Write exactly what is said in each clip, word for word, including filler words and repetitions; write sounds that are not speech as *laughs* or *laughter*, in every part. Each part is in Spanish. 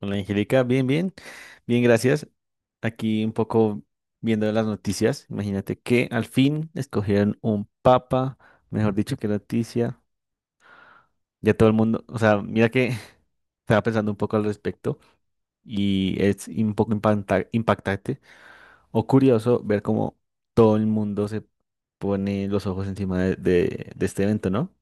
Hola Angélica, bien, bien, bien, gracias. Aquí un poco viendo las noticias. Imagínate que al fin escogieron un papa, mejor dicho, qué noticia. Ya todo el mundo, o sea, mira que *laughs* estaba pensando un poco al respecto y es un poco impacta- impactante o curioso ver cómo todo el mundo se pone los ojos encima de, de- de este evento, ¿no?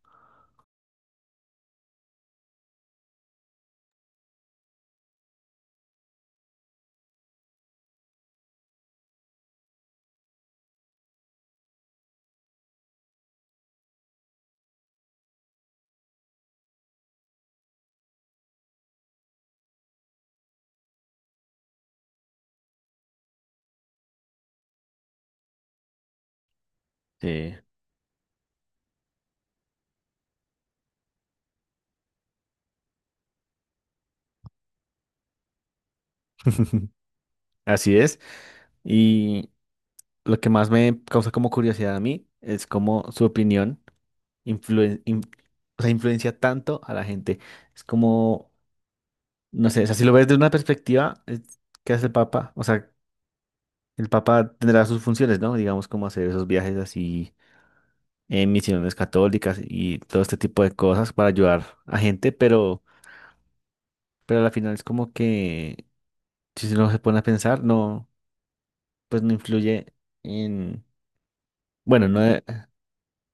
Sí. *laughs* Así es. Y lo que más me causa como curiosidad a mí es como su opinión. influen- in- o sea, influencia tanto a la gente. Es como, no sé, o sea, si lo ves de una perspectiva, es- ¿qué hace el Papa? O sea, el Papa tendrá sus funciones, ¿no? Digamos, como hacer esos viajes así en misiones católicas y todo este tipo de cosas para ayudar a gente, pero, pero al final es como que, si uno se pone a pensar, no, pues no influye en, bueno, no, de-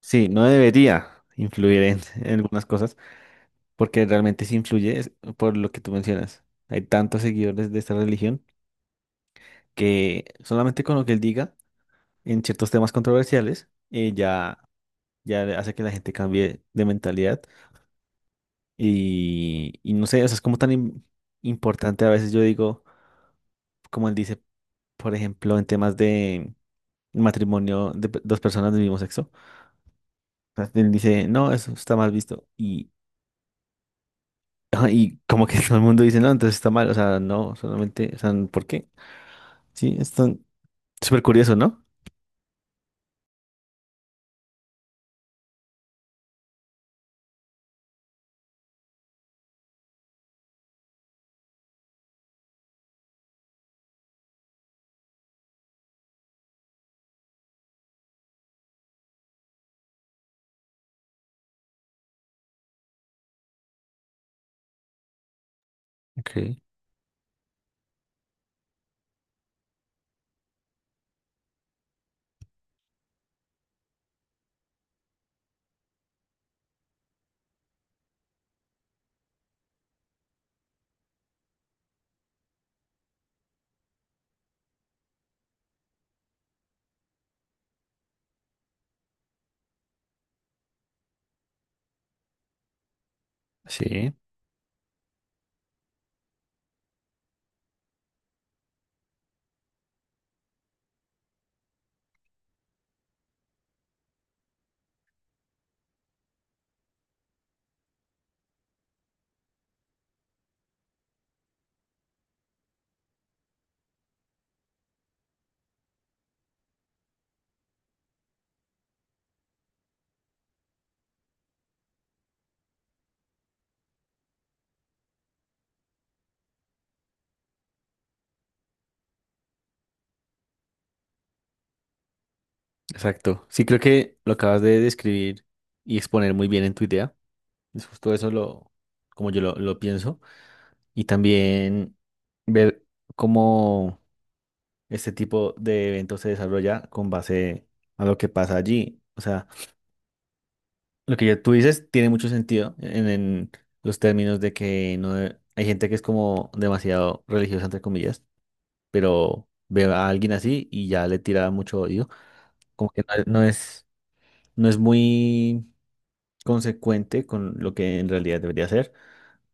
sí, no debería influir en en algunas cosas. Porque realmente sí influye es- por lo que tú mencionas. Hay tantos seguidores de esta religión que solamente con lo que él diga en ciertos temas controversiales eh, ya, ya hace que la gente cambie de mentalidad y, y no sé, o sea, es como tan im- importante a veces yo digo, como él dice, por ejemplo, en temas de matrimonio de pe- dos personas del mismo sexo, o sea, él dice, no, eso está mal visto y, *laughs* y como que todo el mundo dice, no, entonces está mal, o sea, no, solamente, o sea, ¿por qué? Sí, súper curioso, ¿no? Ok, sí, exacto. Sí, creo que lo acabas de describir y exponer muy bien en tu idea. Es justo eso lo, como yo lo, lo pienso. Y también ver cómo este tipo de evento se desarrolla con base a lo que pasa allí. O sea, lo que ya tú dices tiene mucho sentido en, en los términos de que no de- hay gente que es como demasiado religiosa, entre comillas, pero ve a alguien así y ya le tira mucho odio. Como que no no es. No es muy consecuente con lo que en realidad debería ser,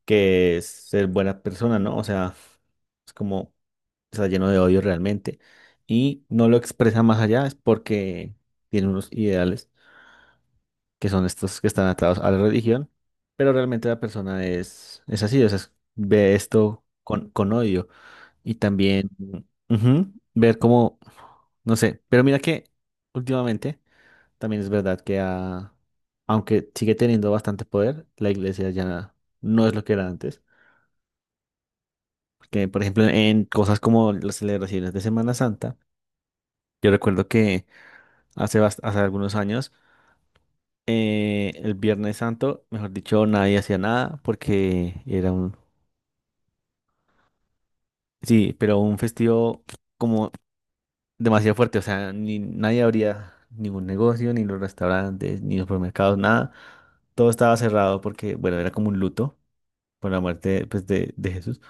que es ser buena persona, ¿no? O sea, es como está lleno de odio realmente y no lo expresa más allá, es porque tiene unos ideales que son estos que están atados a la religión, pero realmente la persona es, es así, o sea, es- ve esto con, con odio y también ujú, ver cómo, no sé, pero mira que últimamente. También es verdad que ah, aunque sigue teniendo bastante poder, la iglesia ya no es lo que era antes. Porque, por ejemplo, en cosas como las celebraciones de Semana Santa, yo recuerdo que hace, bast- hace algunos años, eh, el Viernes Santo, mejor dicho, nadie hacía nada porque era un... Sí, pero un festivo como demasiado fuerte, o sea, ni nadie abría ningún negocio, ni los restaurantes, ni los supermercados, nada. Todo estaba cerrado porque, bueno, era como un luto por la muerte pues, de, de Jesús.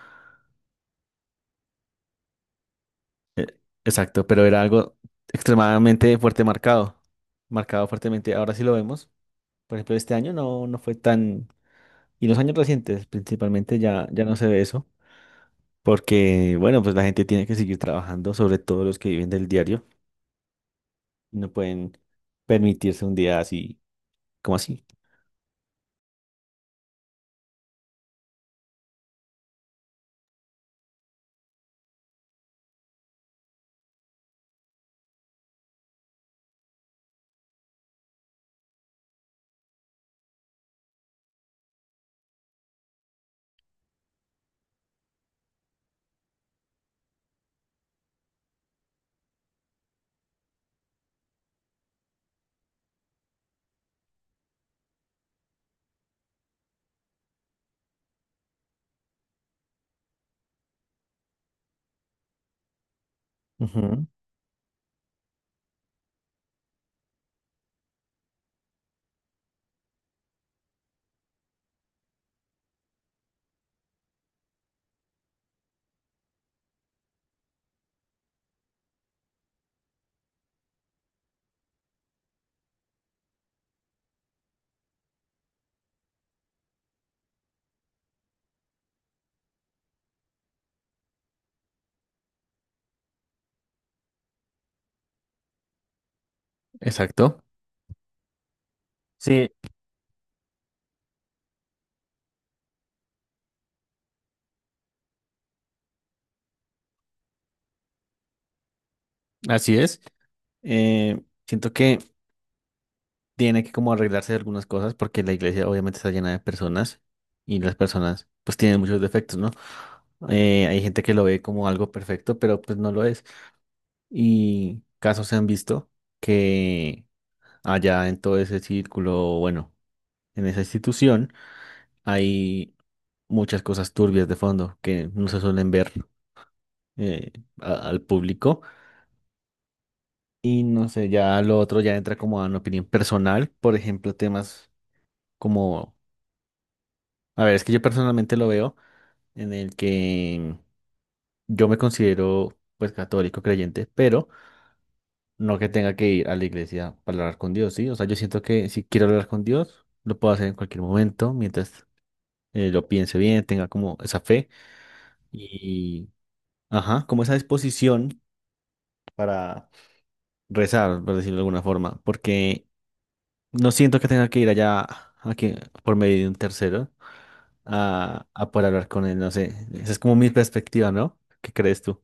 Eh, exacto, pero era algo extremadamente fuerte marcado, marcado fuertemente. Ahora sí lo vemos. Por ejemplo, este año no, no fue tan... Y los años recientes principalmente ya, ya no se ve eso, porque bueno, pues la gente tiene que seguir trabajando, sobre todo los que viven del diario, y no pueden permitirse un día así como así. Ujú, exacto. Sí, así es. Eh, Siento que tiene que como arreglarse de algunas cosas porque la iglesia obviamente está llena de personas y las personas pues tienen muchos defectos, ¿no? Eh, hay gente que lo ve como algo perfecto, pero pues no lo es. Y casos se han visto que allá en todo ese círculo, bueno, en esa institución hay muchas cosas turbias de fondo que no se suelen ver eh, a- al público. Y no sé, ya lo otro ya entra como en opinión personal, por ejemplo, temas como, a ver, es que yo personalmente lo veo en el que yo me considero pues católico creyente, pero no que tenga que ir a la iglesia para hablar con Dios, ¿sí? O sea, yo siento que si quiero hablar con Dios, lo puedo hacer en cualquier momento, mientras eh, lo piense bien, tenga como esa fe y, ajá, como esa disposición para rezar, por decirlo de alguna forma, porque no siento que tenga que ir allá a que- por medio de un tercero a, a poder hablar con él, no sé. Esa es como mi perspectiva, ¿no? ¿Qué crees tú?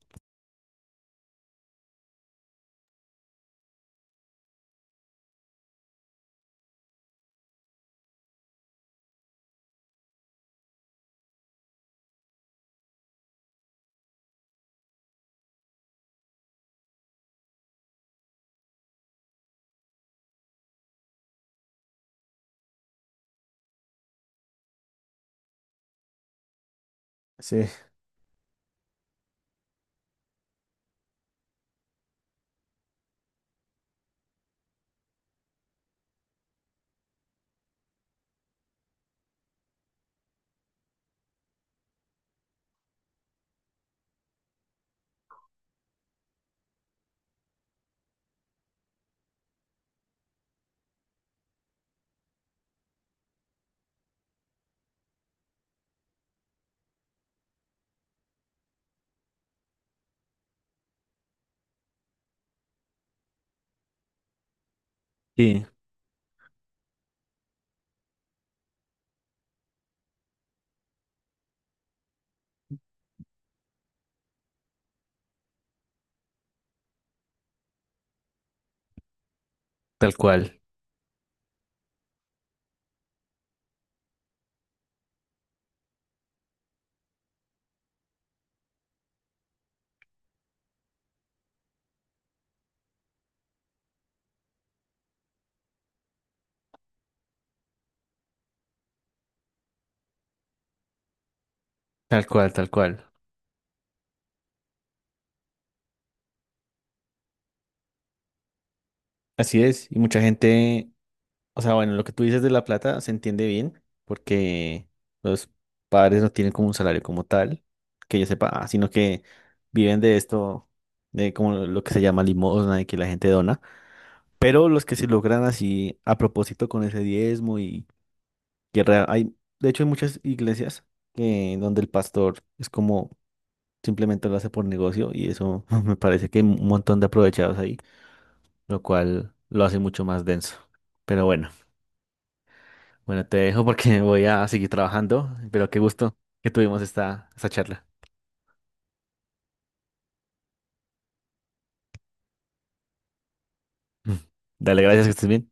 Sí. Sí, tal cual. Tal cual, tal cual. Así es. Y mucha gente, o sea, bueno, lo que tú dices de la plata se entiende bien, porque los padres no tienen como un salario como tal, que yo sepa, ah, sino que viven de esto, de como lo que se llama limosna y que la gente dona. Pero los que se logran así a propósito con ese diezmo y que rea- hay, de hecho, hay muchas iglesias que donde el pastor es como simplemente lo hace por negocio y eso *laughs* me parece que hay un montón de aprovechados lo cual lo hace mucho más denso. Pero bueno, bueno, te dejo porque *laughs* voy a seguir trabajando, pero qué gusto que tuvimos esta, esta charla. *laughs* Dale, gracias, que estés bien.